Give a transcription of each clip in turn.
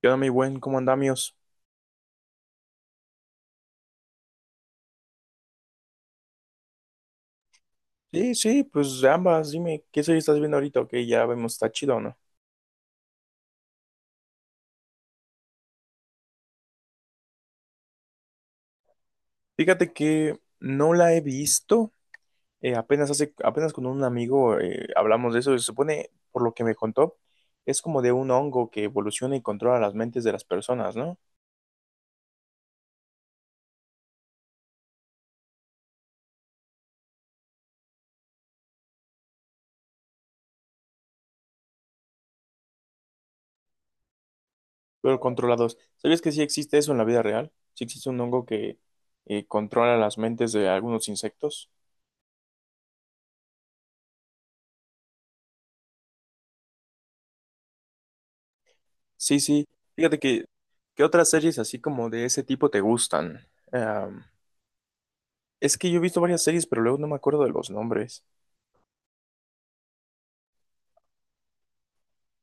¿Qué onda, mi buen? ¿Cómo andamios? Sí, pues ambas, dime, ¿qué serie estás viendo ahorita? Ok, ya vemos, está chido, ¿o no? Fíjate que no la he visto. Apenas hace, apenas con un amigo hablamos de eso, y se supone, por lo que me contó, es como de un hongo que evoluciona y controla las mentes de las personas, ¿no? Pero controlados. ¿Sabías que sí existe eso en la vida real? Sí existe un hongo que controla las mentes de algunos insectos. Sí, sí, fíjate que, ¿qué otras series así como de ese tipo te gustan? Es que yo he visto varias series, pero luego no me acuerdo de los nombres.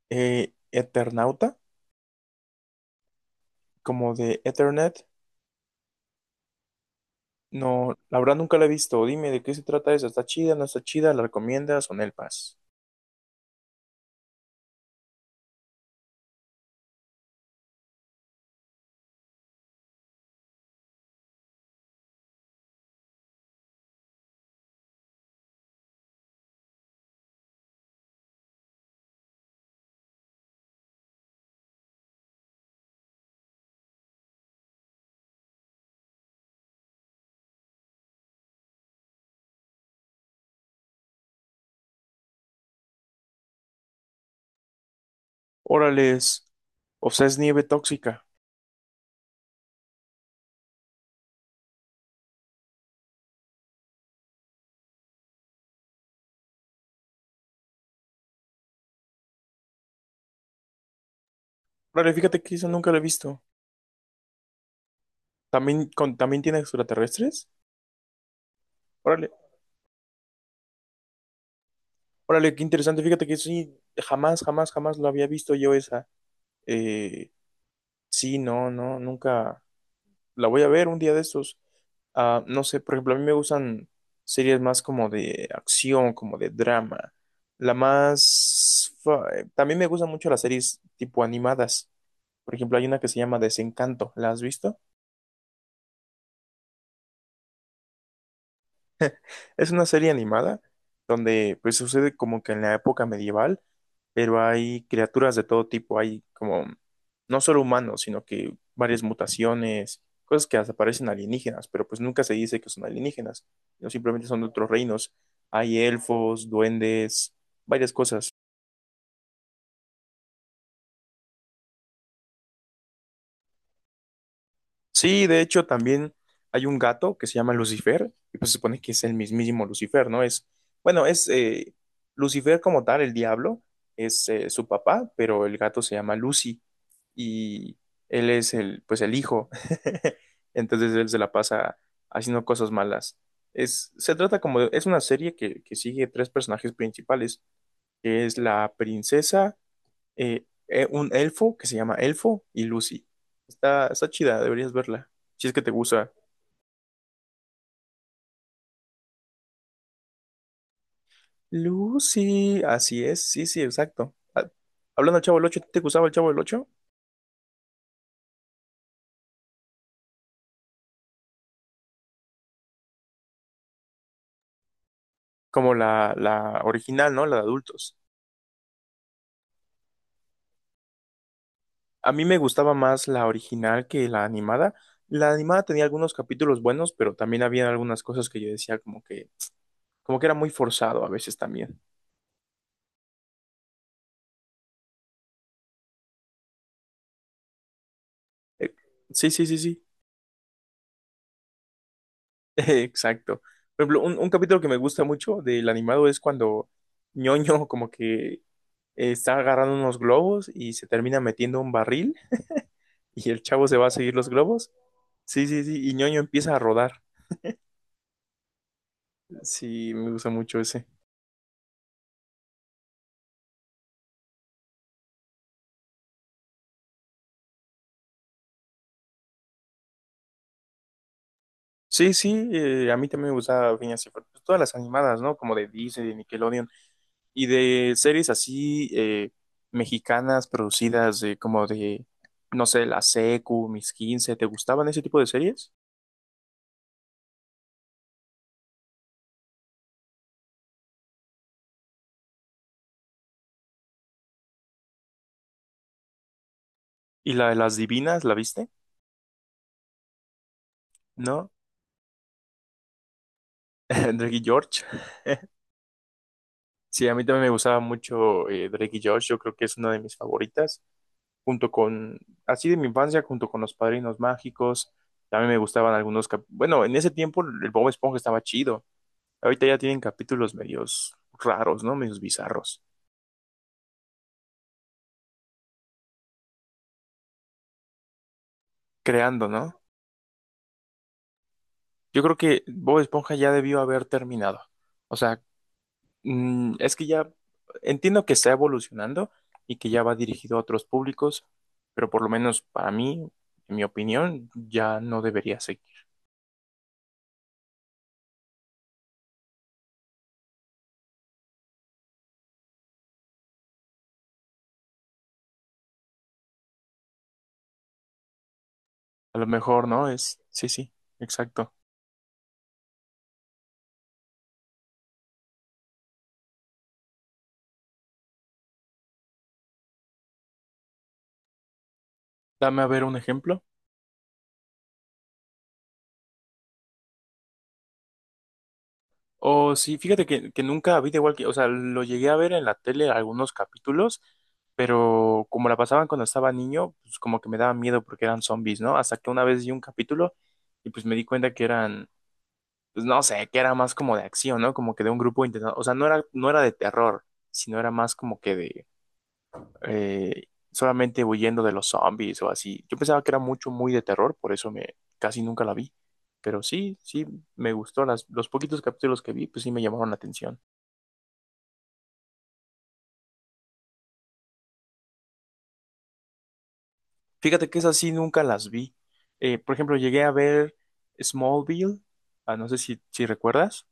Eternauta, como de Ethernet. No, la verdad nunca la he visto. Dime de qué se trata eso. ¿Está chida? ¿No está chida? ¿La recomiendas o no el pas? Órales. O sea, es nieve tóxica. Órale, fíjate que eso nunca lo he visto. ¿También, también tiene extraterrestres? Órale, órale, qué interesante. Fíjate que sí, jamás, jamás, jamás lo había visto yo esa. Eh, sí, no, nunca la voy a ver un día de estos. Ah, no sé, por ejemplo, a mí me gustan series más como de acción, como de drama. La más... fa- También me gustan mucho las series tipo animadas. Por ejemplo, hay una que se llama Desencanto. ¿La has visto? Es una serie animada donde pues sucede como que en la época medieval, pero hay criaturas de todo tipo, hay como no solo humanos, sino que varias mutaciones, cosas que hasta parecen alienígenas, pero pues nunca se dice que son alienígenas, no simplemente son de otros reinos. Hay elfos, duendes, varias cosas. Sí, de hecho también hay un gato que se llama Lucifer, y pues se supone que es el mismísimo Lucifer, ¿no? Es, bueno, es Lucifer como tal, el diablo, es su papá, pero el gato se llama Lucy, y él es el, pues el hijo, entonces él se la pasa haciendo cosas malas. Se trata es una serie que sigue tres personajes principales, que es la princesa, un elfo que se llama Elfo y Lucy. Está chida, deberías verla. Si es que te gusta. Lucy, así es, sí, sí, exacto. Ah, hablando del Chavo del Ocho, ¿te gustaba el Chavo del Ocho? Como la original, ¿no? La de adultos. A mí me gustaba más la original que la animada. La animada tenía algunos capítulos buenos, pero también había algunas cosas que yo decía como que era muy forzado a veces también. Eh, sí. Exacto. Por ejemplo, un capítulo que me gusta mucho del animado es cuando Ñoño como que está agarrando unos globos y se termina metiendo un barril y el chavo se va a seguir los globos. Sí, y Ñoño empieza a rodar. Sí, me gusta mucho ese. Sí, sí, a mí también me gusta Phineas y Ferb. Pues todas las animadas, ¿no? Como de Disney, de Nickelodeon y de series así mexicanas producidas de, como de, no sé, La Secu, Mis Quince. ¿Te gustaban ese tipo de series? ¿Y la de las divinas, la viste? ¿No? Drake y George. Sí, a mí también me gustaba mucho Drake y George. Yo creo que es una de mis favoritas. Junto con, así de mi infancia, junto con Los Padrinos Mágicos. También me gustaban algunos cap- Bueno, en ese tiempo el Bob Esponja estaba chido. Ahorita ya tienen capítulos medios raros, ¿no? Medios bizarros. Creando, ¿no? Yo creo que Bob Esponja ya debió haber terminado. O sea, es que ya entiendo que está evolucionando y que ya va dirigido a otros públicos, pero por lo menos para mí, en mi opinión, ya no debería seguir. A lo mejor, ¿no? Es, sí, sí, exacto. Dame a ver un ejemplo. O sí, que nunca vi de igual que, o sea, lo llegué a ver en la tele algunos capítulos, pero como la pasaban cuando estaba niño, pues como que me daba miedo porque eran zombies, ¿no? Hasta que una vez vi un capítulo y pues me di cuenta que eran pues no sé, que era más como de acción, ¿no? Como que de un grupo intentando, o sea, no era de terror, sino era más como que de eh, solamente huyendo de los zombies o así. Yo pensaba que era mucho, muy de terror, por eso me casi nunca la vi. Pero sí, sí, me gustó. Las, los poquitos capítulos que vi, pues sí me llamaron la atención. Fíjate que esas sí nunca las vi. Por ejemplo, llegué a ver Smallville, ah, no sé si recuerdas.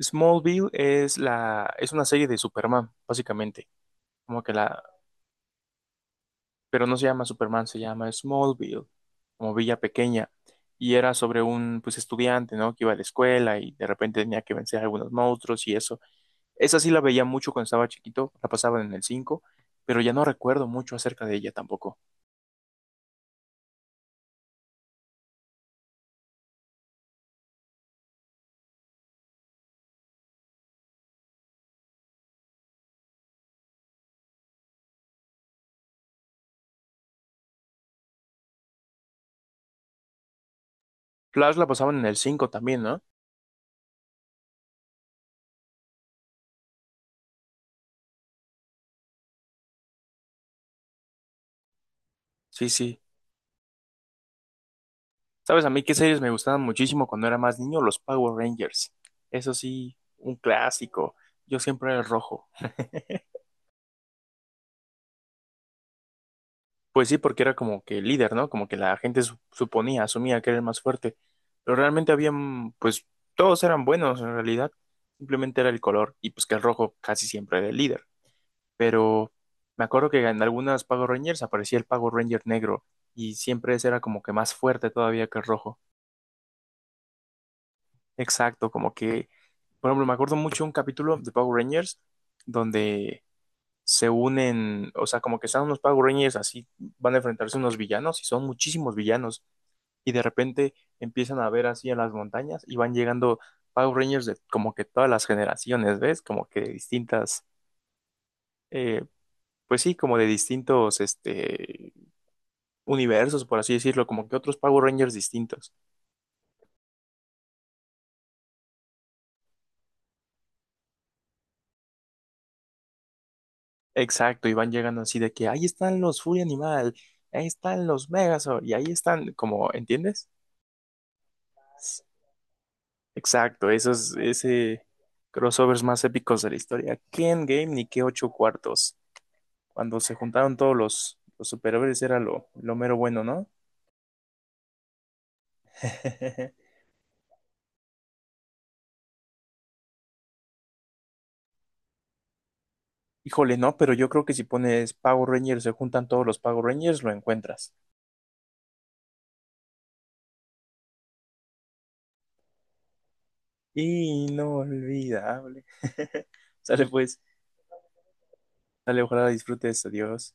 Smallville es una serie de Superman, básicamente. Como que la, pero no se llama Superman, se llama Smallville, como Villa Pequeña, y era sobre un pues estudiante, ¿no? Que iba a la escuela y de repente tenía que vencer a algunos monstruos y eso. Esa sí la veía mucho cuando estaba chiquito, la pasaban en el 5, pero ya no recuerdo mucho acerca de ella tampoco. Flash la pasaban en el 5 también, ¿no? Sí, sí. ¿Sabes a mí qué series me gustaban muchísimo cuando era más niño? Los Power Rangers. Eso sí, un clásico. Yo siempre era el rojo. Pues sí, porque era como que el líder, ¿no? Como que la gente suponía, asumía que era el más fuerte. Pero realmente habían, pues todos eran buenos en realidad. Simplemente era el color y pues que el rojo casi siempre era el líder. Pero me acuerdo que en algunas Power Rangers aparecía el Power Ranger negro y siempre ese era como que más fuerte todavía que el rojo. Exacto, como que, por ejemplo, me acuerdo mucho un capítulo de Power Rangers donde se unen, o sea, como que están unos Power Rangers así, van a enfrentarse a unos villanos y son muchísimos villanos y de repente empiezan a ver así en las montañas y van llegando Power Rangers de como que todas las generaciones, ¿ves? Como que de distintas, eh, pues sí, como de distintos este, universos, por así decirlo, como que otros Power Rangers distintos. Exacto, y van llegando así de que ahí están los Furia Animal, ahí están los Megazord y ahí están, como, ¿entiendes? Exacto, esos, ese crossovers más épicos de la historia. ¿Qué Endgame ni qué ocho cuartos? Cuando se juntaron todos los superhéroes era lo mero bueno, ¿no? Híjole, no, pero yo creo que si pones Power Rangers, se juntan todos los Power Rangers, lo encuentras. Inolvidable. Sale pues, sale, ojalá disfrutes, adiós.